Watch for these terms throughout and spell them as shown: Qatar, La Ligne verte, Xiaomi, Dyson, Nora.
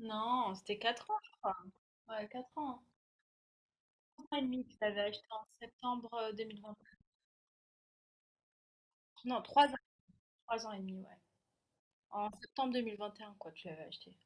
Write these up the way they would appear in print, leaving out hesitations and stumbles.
Non, c'était 4 ans, je crois. Ouais, 4 ans. 3 ans et demi que tu avais acheté en septembre 2021. Non, 3 ans et demi, ouais. En septembre 2021, quoi, tu l'avais acheté.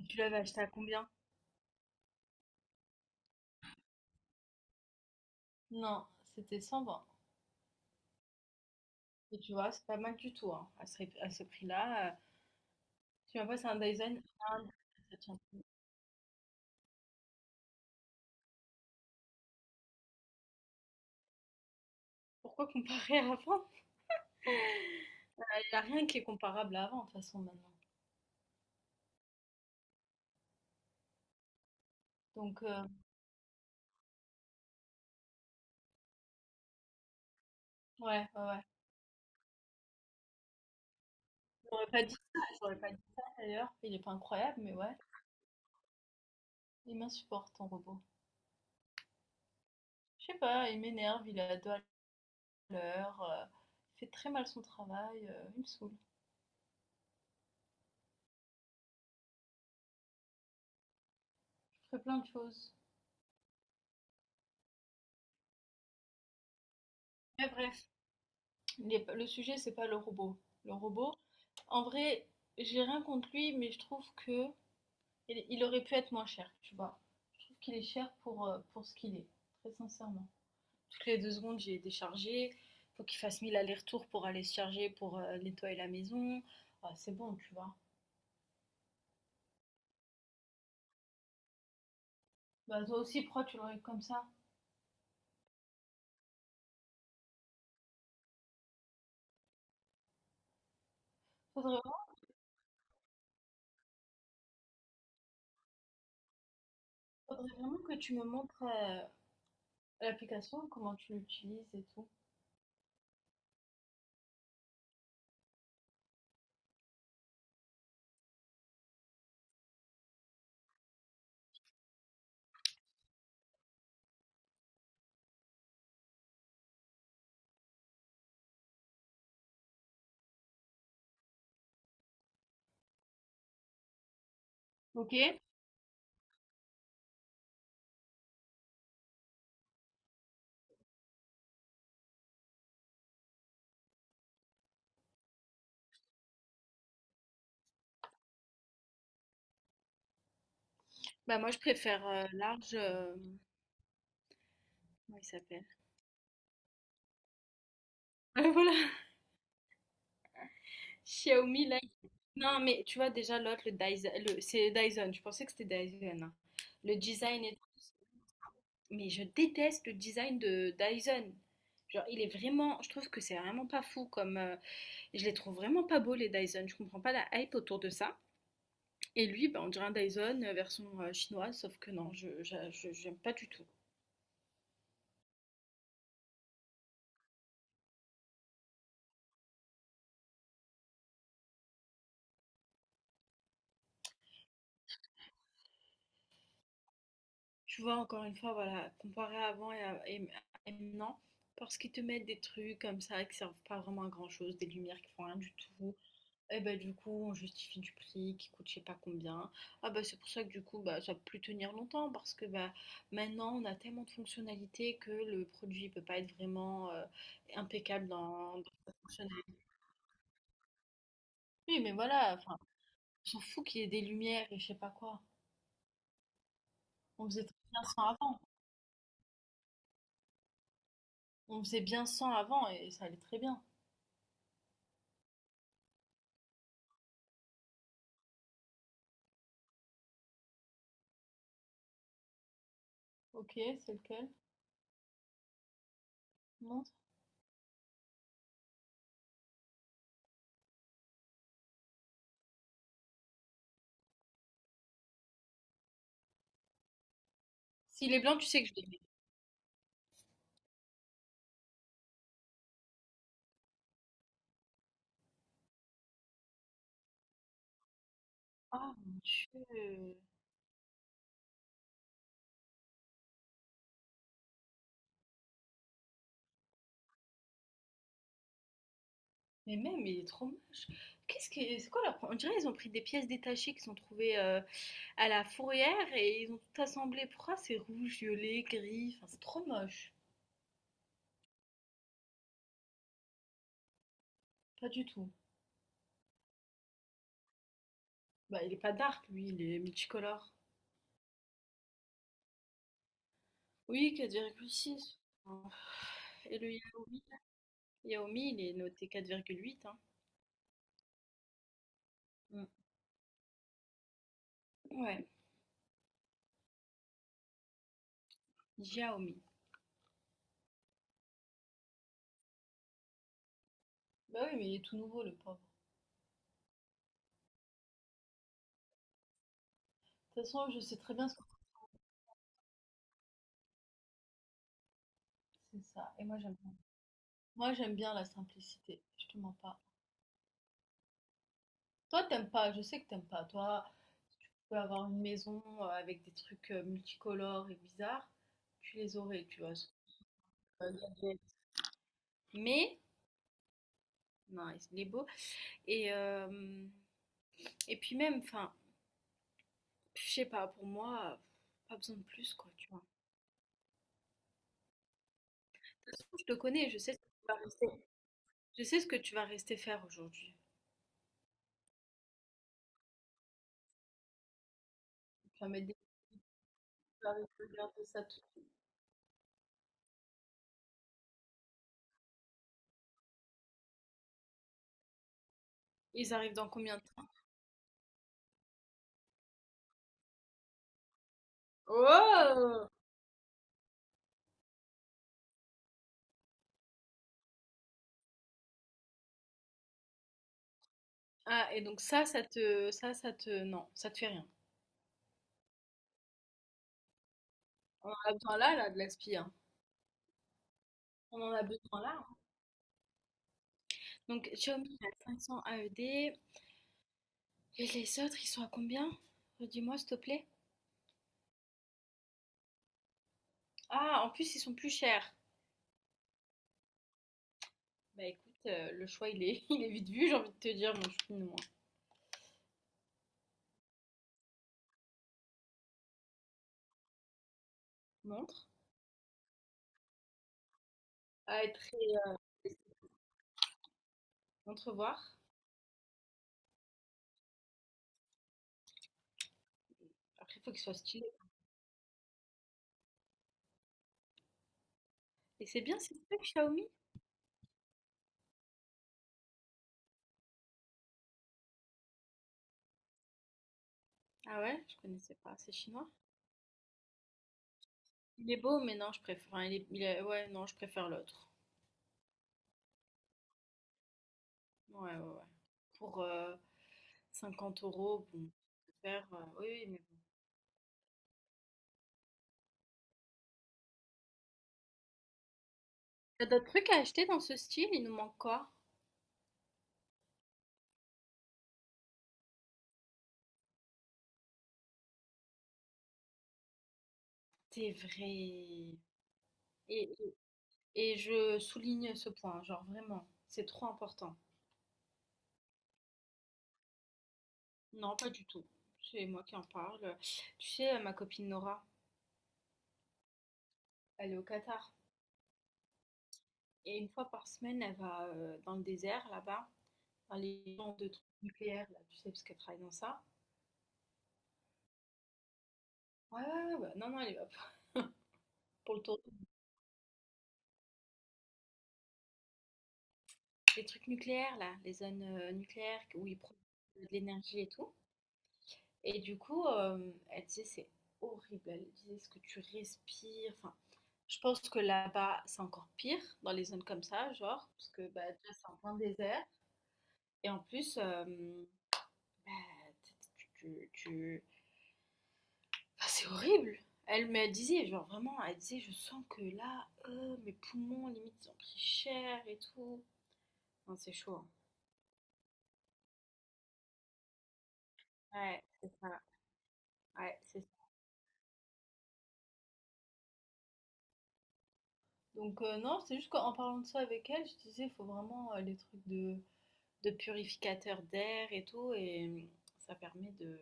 Et tu l'avais acheté à combien? Non, c'était 120. Et tu vois, c'est pas mal du tout, hein, à à ce prix-là. Tu vois, c'est Un Dyson, ça tient plus. Pourquoi comparer à avant? Il n'y a rien qui est comparable à avant, de toute façon, maintenant. Donc, ouais, ouais, ouais. J'aurais pas dit ça, j'aurais pas dit ça, d'ailleurs. Il est pas incroyable, mais ouais. Il m'insupporte, ton robot. Je sais pas, il m'énerve, il est à deux à l'heure, il fait très mal son travail, il me saoule. Je ferais plein de choses. Mais bref, le sujet, c'est pas le robot. Le robot, en vrai, j'ai rien contre lui, mais je trouve que il aurait pu être moins cher, tu vois. Je trouve qu'il est cher pour ce qu'il est, très sincèrement. Toutes les 2 secondes, j'ai déchargé. Faut qu'il fasse mille allers-retours pour aller se charger, pour nettoyer la maison. Bah, c'est bon, tu vois. Bah, toi aussi, pourquoi tu l'aurais comme ça? Faudrait, faudrait vraiment que tu me montres l'application, comment tu l'utilises et tout. Ok. Bah moi je préfère large. Comment il s'appelle? Voilà. Xiaomi là. Non mais tu vois déjà l'autre le Dyson, c'est Dyson. Je pensais que c'était Dyson, hein. Le design et tout. Mais je déteste le design de Dyson. Genre il est vraiment, je trouve que c'est vraiment pas fou comme. Je les trouve vraiment pas beaux les Dyson. Je comprends pas la hype autour de ça. Et lui, bah, on dirait un Dyson version chinoise, sauf que non, j'aime pas du tout. Tu vois, encore une fois, voilà, comparé à avant et maintenant, parce qu'ils te mettent des trucs comme ça qui servent pas vraiment à grand-chose, des lumières qui font rien du tout, et ben du coup, on justifie du prix qui coûte je sais pas combien. Ah bah c'est pour ça que du coup, bah ça peut plus tenir longtemps parce que bah maintenant, on a tellement de fonctionnalités que le produit peut pas être vraiment impeccable dans sa fonctionnalité. Oui, mais voilà, enfin, on s'en fout qu'il y ait des lumières et je sais pas quoi. On faisait très bien sans avant. On faisait bien sans avant et ça allait très bien. Ok, c'est lequel? Montre. S'il est blanc, tu sais que je l'aime. Ah mon Dieu. Mais même, il est trop moche. Qu'est-ce que c'est quoi leur... On dirait qu'ils ont pris des pièces détachées qui sont trouvées à la fourrière et ils ont tout assemblé. Pourquoi c'est rouge, violet, gris? Enfin, c'est trop moche. Pas du tout. Bah, il est pas dark, lui, il est multicolore. Oui, 4,6. Et le Yaomi? Yaomi, il est noté 4,8, hein. Mm. Ouais, Xiaomi. Bah oui, mais il est tout nouveau, le pauvre. De toute façon, je sais très bien ce que c'est ça. Moi, j'aime bien la simplicité, je te mens pas. Toi, t'aimes pas, je sais que t'aimes pas. Toi, si tu peux avoir une maison avec des trucs multicolores et bizarres, tu les aurais, tu vois. Euh, Mais, non, il est beau. Et, euh, et puis même, enfin, je sais pas, pour moi, pas besoin de plus, quoi, tu vois. De toute façon, je te connais, je sais ce que tu vas rester faire aujourd'hui. Tu vas mettre des Tu vas regarder ça tout de suite. Ils arrivent dans combien de temps? Oh! Ah, et donc non, ça te fait rien. On en a besoin là, là, de la hein. On en a besoin là, hein. Donc Xiaomi à 500 AED. Et les autres, ils sont à combien? Redis-moi, s'il te plaît. Ah, en plus, ils sont plus chers. Bah écoute, le choix, il est, il est vite vu, j'ai envie de te dire. Bon, je suis une moi. Montre. À être entrevoir. Après, il faut qu'il soit stylé. Et c'est bien, c'est que Xiaomi. Ah ouais, je connaissais pas. C'est chinois. Il est beau, mais non, je préfère, enfin, ouais, non, je préfère l'autre. Ouais, ouais, ouais. Pour, 50 euros, bon, ça peut faire, oui, oui, mais bon. T'as d'autres trucs à acheter dans ce style? Il nous manque quoi? C'est vrai. Et, et je souligne ce point, genre vraiment, c'est trop important. Non, pas du tout. C'est moi qui en parle. Tu sais, ma copine Nora, elle est au Qatar. Et 1 fois par semaine, elle va dans le désert, là-bas, dans les gens de trucs nucléaires, là, tu sais, parce qu'elle travaille dans ça. Ouais, ouais, ouais, ouais. Non, non, elle y va pour le tour. Les trucs nucléaires, là, les zones nucléaires où ils produisent de l'énergie et tout. Et du coup, elle disait c'est horrible. Elle disait ce que tu respires. Enfin, je pense que là-bas, c'est encore pire dans les zones comme ça, genre, parce que bah, déjà, c'est en plein désert. Et en plus, bah, tu, tu- tu- enfin, c'est horrible. Elle me disait, genre vraiment, elle disait, je sens que là, mes poumons, limite, ils ont pris cher et tout. Non, c'est chaud, hein. Ouais, c'est ça. Ouais, c'est ça. Donc, non, c'est juste qu'en parlant de ça avec elle, je disais, il faut vraiment les trucs de purificateur d'air et tout. Et ça permet de,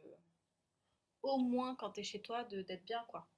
au moins quand t'es chez toi, de d'être bien, quoi.